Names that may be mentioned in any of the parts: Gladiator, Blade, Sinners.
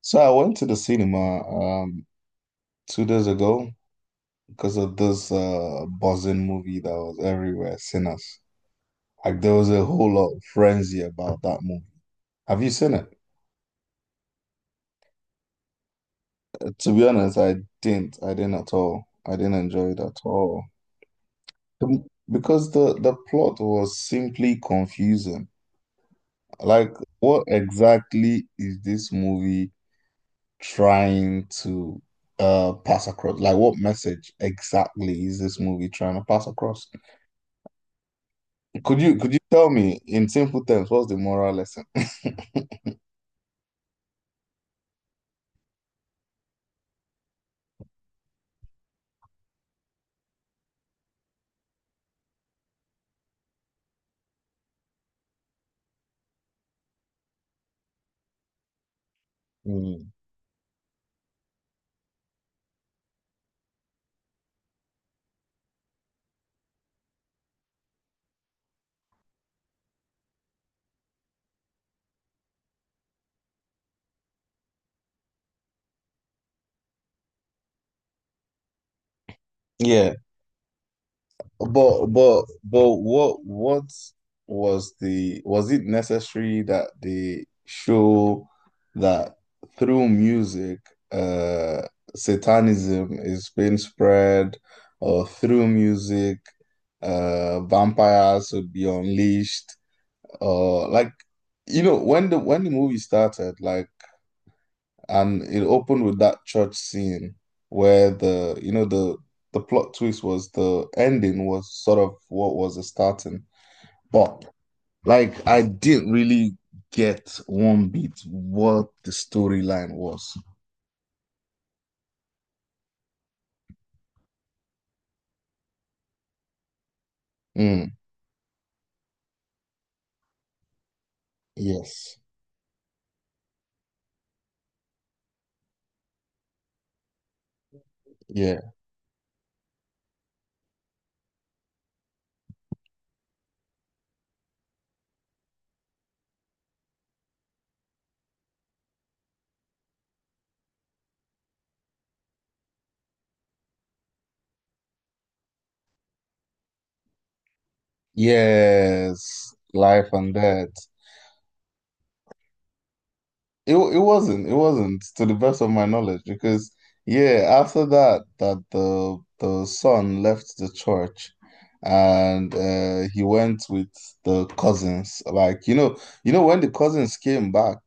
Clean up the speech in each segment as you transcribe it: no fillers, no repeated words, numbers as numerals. So I went to the cinema 2 days ago because of this buzzing movie that was everywhere, Sinners. Like there was a whole lot of frenzy about that movie. Have you seen it? To be honest, I didn't. I didn't at all. I didn't enjoy it at all. The- Because the plot was simply confusing. Like what exactly is this movie trying to pass across? Like what message exactly is this movie trying to pass across? Could you tell me in simple terms what's the moral lesson? Mm. Yeah, but what was the, was it necessary that they show that through music uh satanism is being spread, or through music vampires would be unleashed? Or like, you know, when the movie started, like, and it opened with that church scene where the, you know, the plot twist was the ending was sort of what was the starting. But like I didn't really get one bit what the storyline was. Mm, yes. Yeah. Yes. Life and death. It wasn't. It wasn't, to the best of my knowledge, because yeah, after that the son left the church and he went with the cousins. Like, you know when the cousins came back,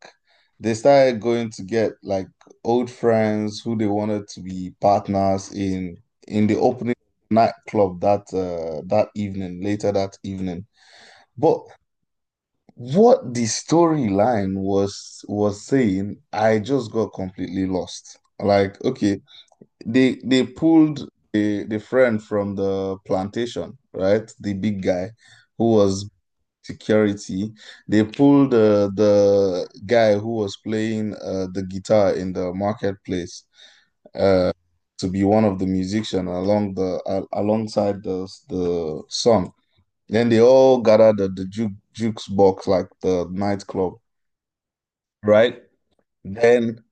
they started going to get like old friends who they wanted to be partners in the opening nightclub that that evening, later that evening. But what the storyline was saying, I just got completely lost. Like, okay, they pulled the friend from the plantation, right? The big guy who was security. They pulled the guy who was playing the guitar in the marketplace uh, to be one of the musicians along the al alongside the song. Then they all gathered at the jukes box, like the nightclub, right? Then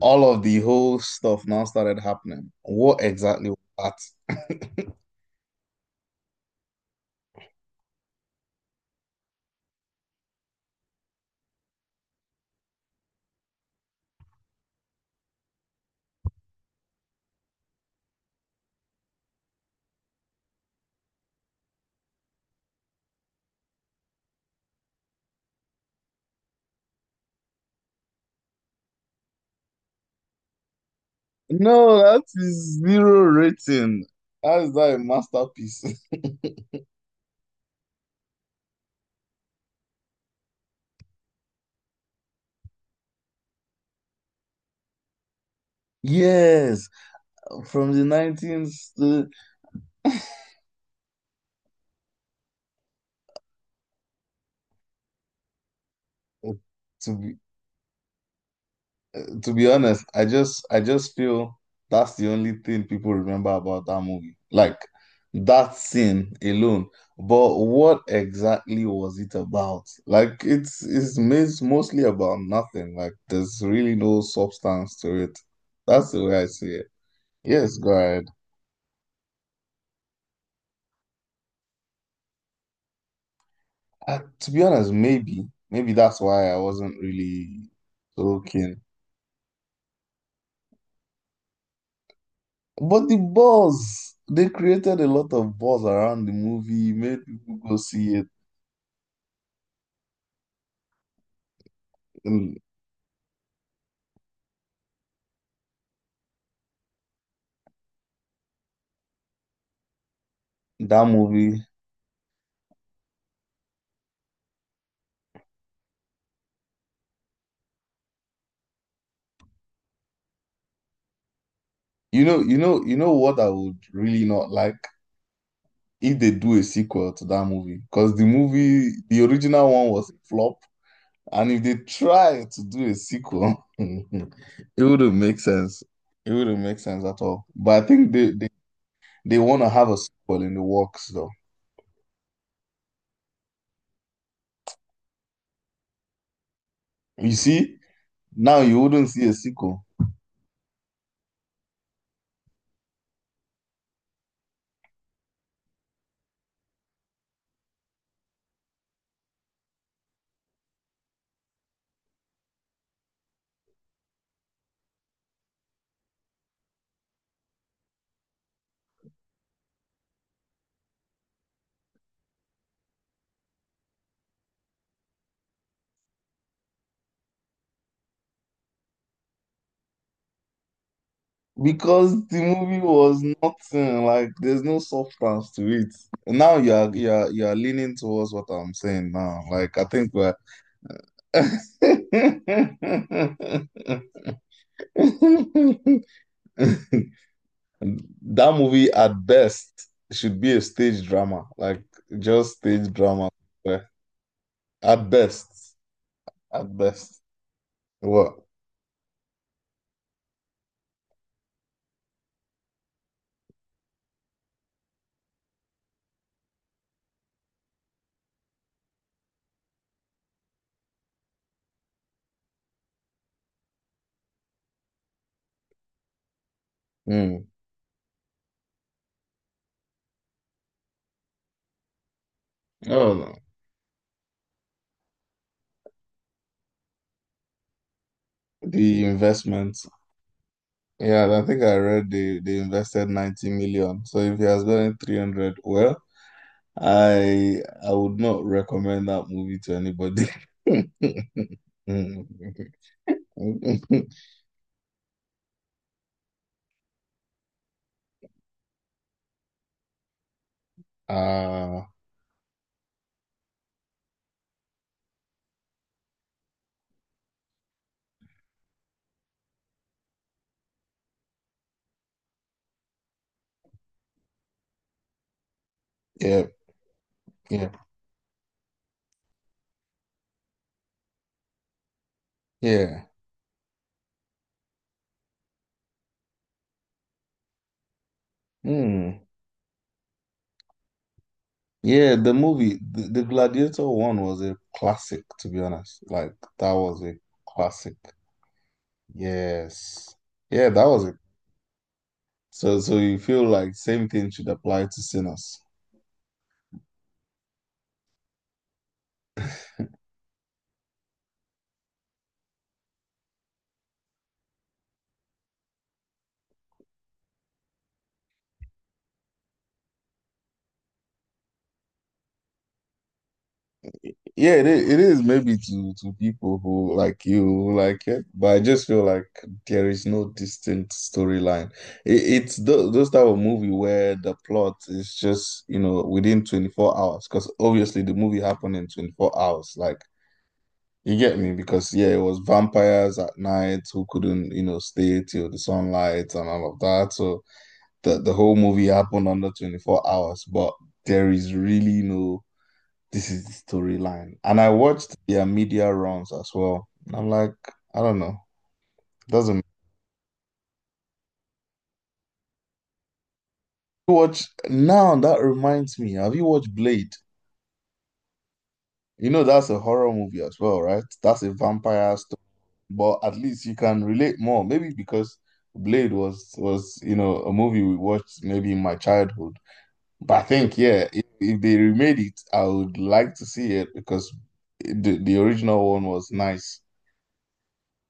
all of the whole stuff now started happening. What exactly was that? No, that is zero rating. How is that a masterpiece? Yes, from the 19th to be To be honest, I just feel that's the only thing people remember about that movie. Like that scene alone. But what exactly was it about? Like it's mostly about nothing. Like there's really no substance to it. That's the way I see it. Yes, go ahead. To be honest, maybe that's why I wasn't really so keen. But the buzz, they created a lot of buzz around the movie, made people go see it. That movie, you know what I would really not like if they do a sequel to that movie, because the movie, the original one was a flop, and if they try to do a sequel, it wouldn't make sense. It wouldn't make sense at all. But I think they want to have a sequel in the works, though. You see, now you wouldn't see a sequel. Because the movie was nothing, like there's no substance to it. Now you are leaning towards what I'm saying now. Like I think we're that movie at best should be a stage drama, like just stage drama. Yeah. At best, at best. What? Hmm. Oh no. The investment. Yeah, and I think I read they invested 90 million. So if he has gone in 300, well, I I would not recommend that movie to anybody. Uh, yeah, yeah, yeah. Hmm. Yeah, the movie, the Gladiator one was a classic, to be honest. Like that was a classic. Yes. Yeah, that was it. So so you feel like same thing should apply to Sinners. Yeah, it is maybe to people who like you, who like it, but I just feel like there is no distinct storyline. It, it's th those type of movie where the plot is just, you know, within 24 hours, because obviously the movie happened in 24 hours. Like, you get me? Because yeah, it was vampires at night who couldn't, you know, stay till the sunlight and all of that. So the whole movie happened under 24 hours, but there is really no this is the storyline. And I watched their media runs as well. And I'm like, I don't know. Doesn't watch now that reminds me. Have you watched Blade? You know that's a horror movie as well, right? That's a vampire story. But at least you can relate more. Maybe because Blade was, you know, a movie we watched maybe in my childhood. But I think, yeah, if they remade it, I would like to see it because the original one was nice.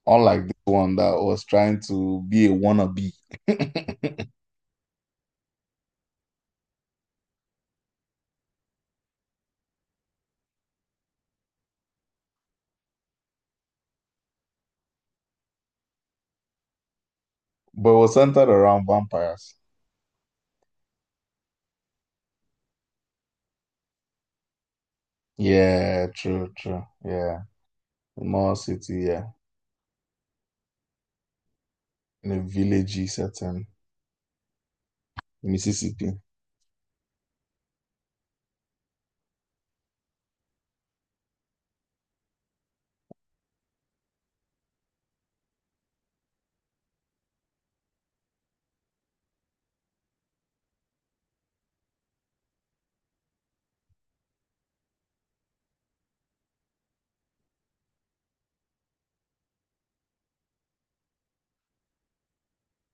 Unlike this one that was trying to be a wannabe, but was centered around vampires. Yeah, true, true. Yeah, small city, yeah, in a villagey setting, Mississippi.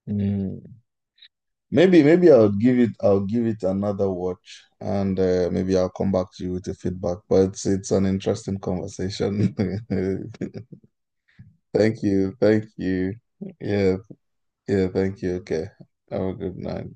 Mm. Maybe I'll give it another watch, and maybe I'll come back to you with a feedback. But it's an interesting conversation. Thank you, thank you. Yeah, yeah, thank you. Okay, have a good night.